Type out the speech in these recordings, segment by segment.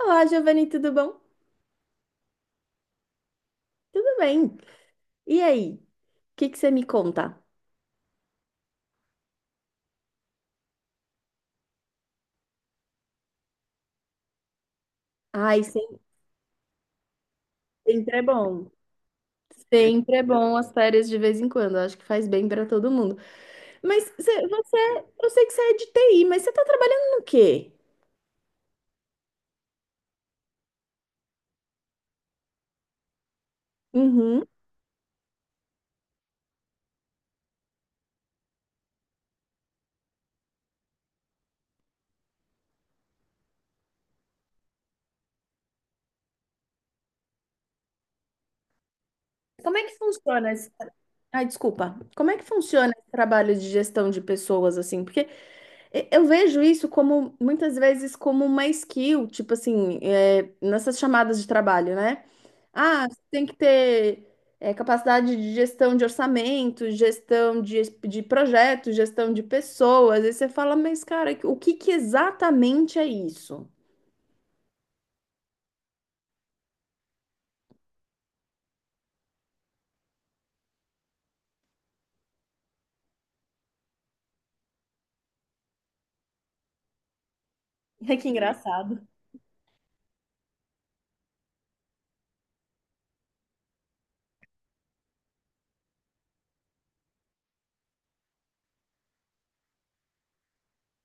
Olá, Giovanni, tudo bom? Tudo bem. E aí, o que que você me conta? Ai, sem- Sempre é bom. Sempre é bom as férias de vez em quando. Acho que faz bem para todo mundo. Mas eu sei que você é de TI, mas você está trabalhando no quê? Uhum. Como é que funciona esse... Ai, desculpa. Como é que funciona esse trabalho de gestão de pessoas assim? Porque Eu vejo isso como muitas vezes como uma skill, tipo assim, nessas chamadas de trabalho, né? Ah, você tem que ter capacidade de gestão de orçamento, de projetos, gestão de pessoas. E você fala, mas cara, o que que exatamente é isso? Que engraçado.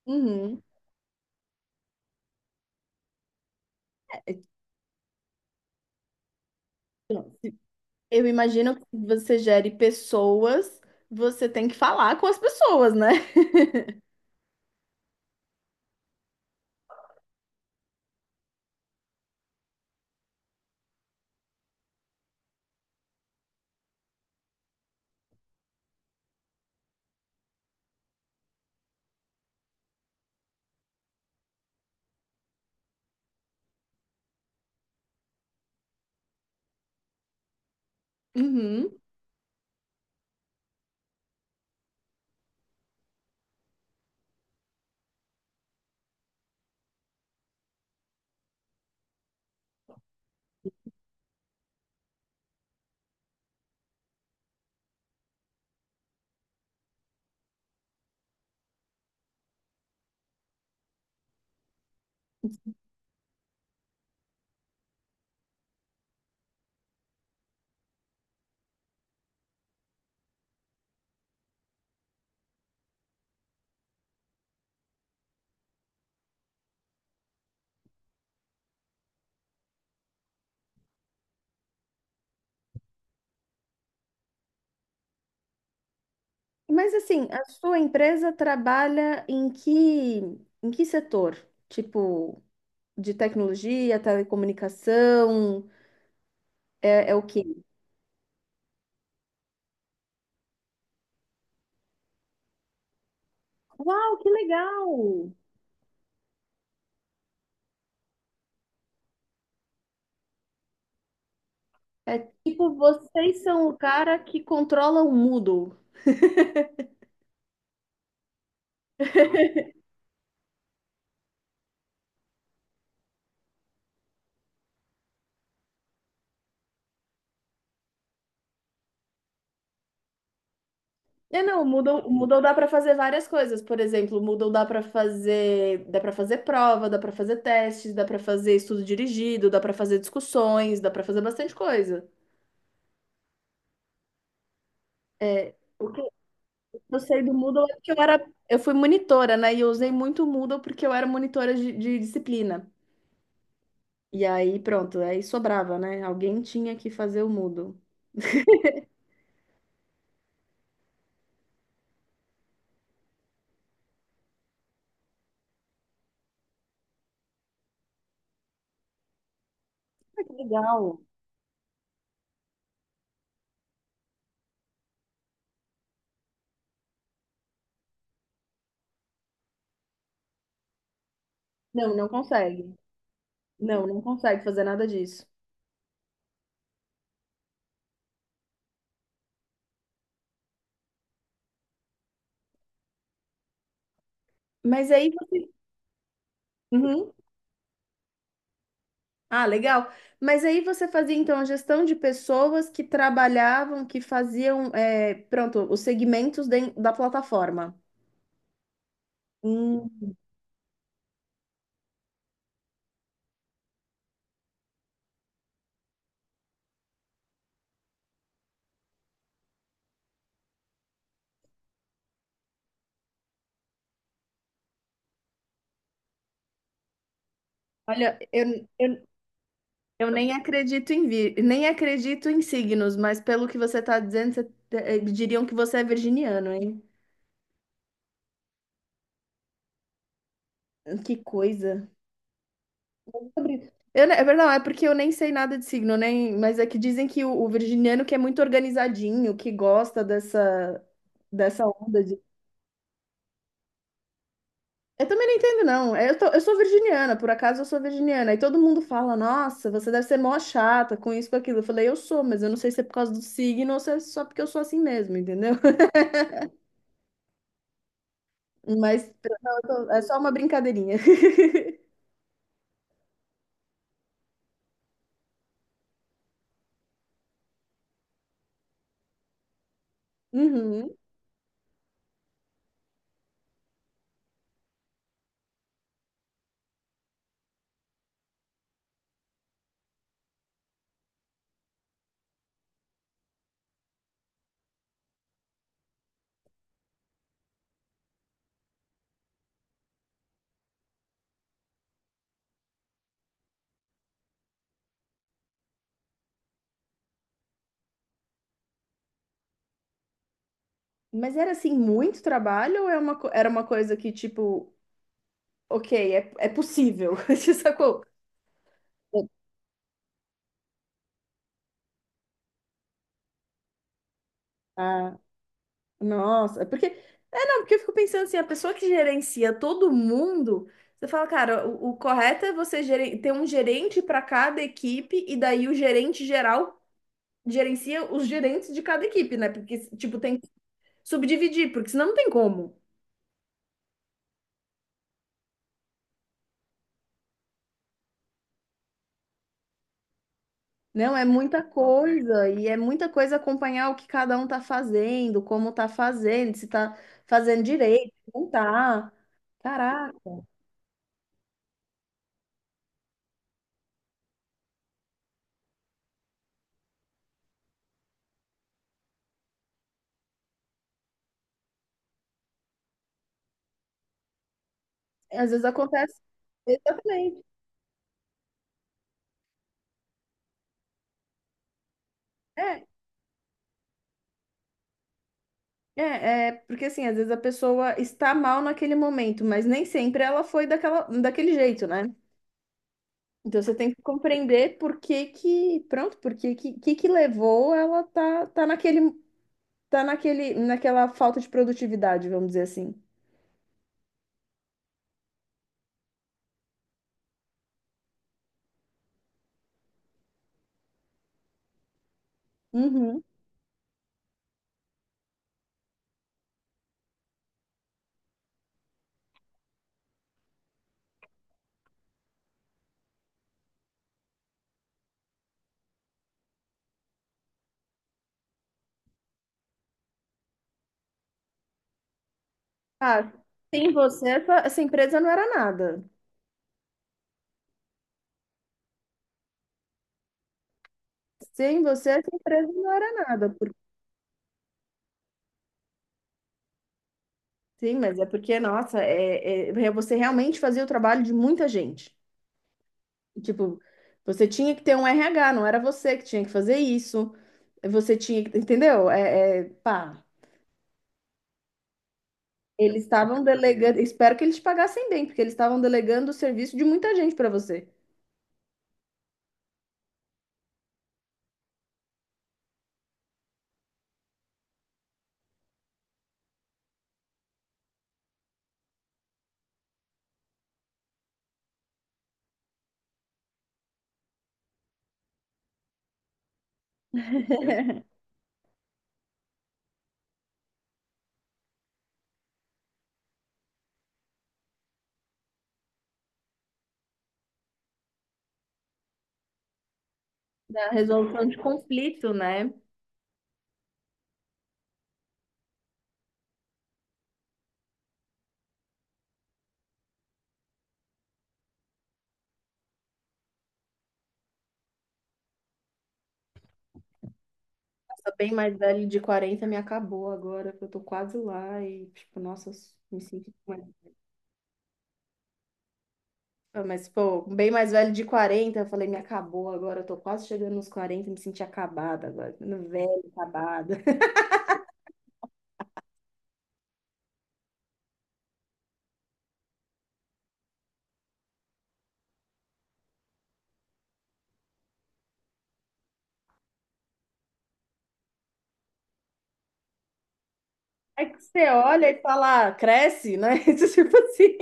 Uhum. Eu imagino que você gere pessoas, você tem que falar com as pessoas, né? Uhum. Mas assim, a sua empresa trabalha em que setor? Tipo, de tecnologia, telecomunicação, é o quê? Uau, que legal! É tipo, vocês são o cara que controla o Moodle. Não, o Moodle dá para fazer várias coisas. Por exemplo, o Moodle dá para fazer prova, dá para fazer testes, dá para fazer estudo dirigido, dá para fazer discussões, dá para fazer bastante coisa. Eu sei do Moodle é porque eu fui monitora, né? E eu usei muito o Moodle porque eu era monitora de disciplina. E aí, pronto, aí sobrava, né? Alguém tinha que fazer o Moodle. Ah, que legal. Não, não consegue. Não, não consegue fazer nada disso. Mas aí você. Uhum. Ah, legal. Mas aí você fazia, então, a gestão de pessoas que trabalhavam, que faziam, pronto, os segmentos da plataforma. Hum, olha, eu, eu nem acredito em nem acredito em signos, mas pelo que você está dizendo, diriam que você é virginiano, hein? Que coisa. É verdade, é porque eu nem sei nada de signo, nem, mas é que dizem que o virginiano que é muito organizadinho, que gosta dessa, dessa onda de. Eu também não entendo, não. É, eu sou virginiana, por acaso eu sou virginiana. E todo mundo fala, nossa, você deve ser mó chata com isso, com aquilo. Eu falei, eu sou, mas eu não sei se é por causa do signo ou se é só porque eu sou assim mesmo, entendeu? Mas não, é só uma brincadeirinha. Uhum. Mas era assim, muito trabalho ou é era uma coisa que, tipo, ok, é possível? Você sacou? Ah, nossa, é porque. É, não, porque eu fico pensando assim, a pessoa que gerencia todo mundo, você fala, cara, o correto é você ter um gerente para cada equipe e daí o gerente geral gerencia os gerentes de cada equipe, né? Porque, tipo, tem que subdividir, porque senão não tem como. Não, é muita coisa, e é muita coisa acompanhar o que cada um tá fazendo, como tá fazendo, se tá fazendo direito, se não tá. Caraca, às vezes acontece. Exatamente. É, porque assim, às vezes a pessoa está mal naquele momento, mas nem sempre ela foi daquela, daquele jeito, né? Então você tem que compreender pronto, que levou ela tá tá naquele, naquela falta de produtividade, vamos dizer assim. Uhum. Ah, sem você, essa empresa não era nada. Sem você, essa empresa não era nada. Sim, mas é porque, nossa, é você realmente fazia o trabalho de muita gente. Tipo, você tinha que ter um RH, não era você que tinha que fazer isso. Você tinha que, entendeu? Pá, eles estavam delegando. Espero que eles te pagassem bem, porque eles estavam delegando o serviço de muita gente para você. Da resolução de conflito, né? Nossa, bem mais velho de 40 me acabou agora, que eu tô quase lá e, tipo, nossa, eu me sinto mais... Ah, mas, pô, bem mais velho de 40 eu falei, me acabou agora, eu tô quase chegando nos quarenta, me senti acabada agora, ficando velha, acabada. É que você olha e fala, "Ah, cresce, né?" Isso, tipo assim,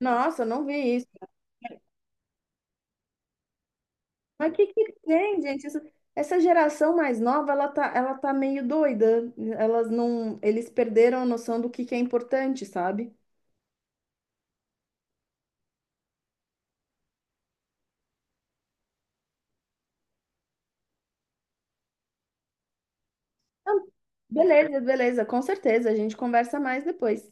nossa, eu não vi isso. Mas o que que tem, gente? Essa geração mais nova, ela tá meio doida. Elas não, eles perderam a noção do que é importante, sabe? Então, beleza, beleza, com certeza. A gente conversa mais depois.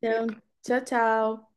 Então, tchau, tchau.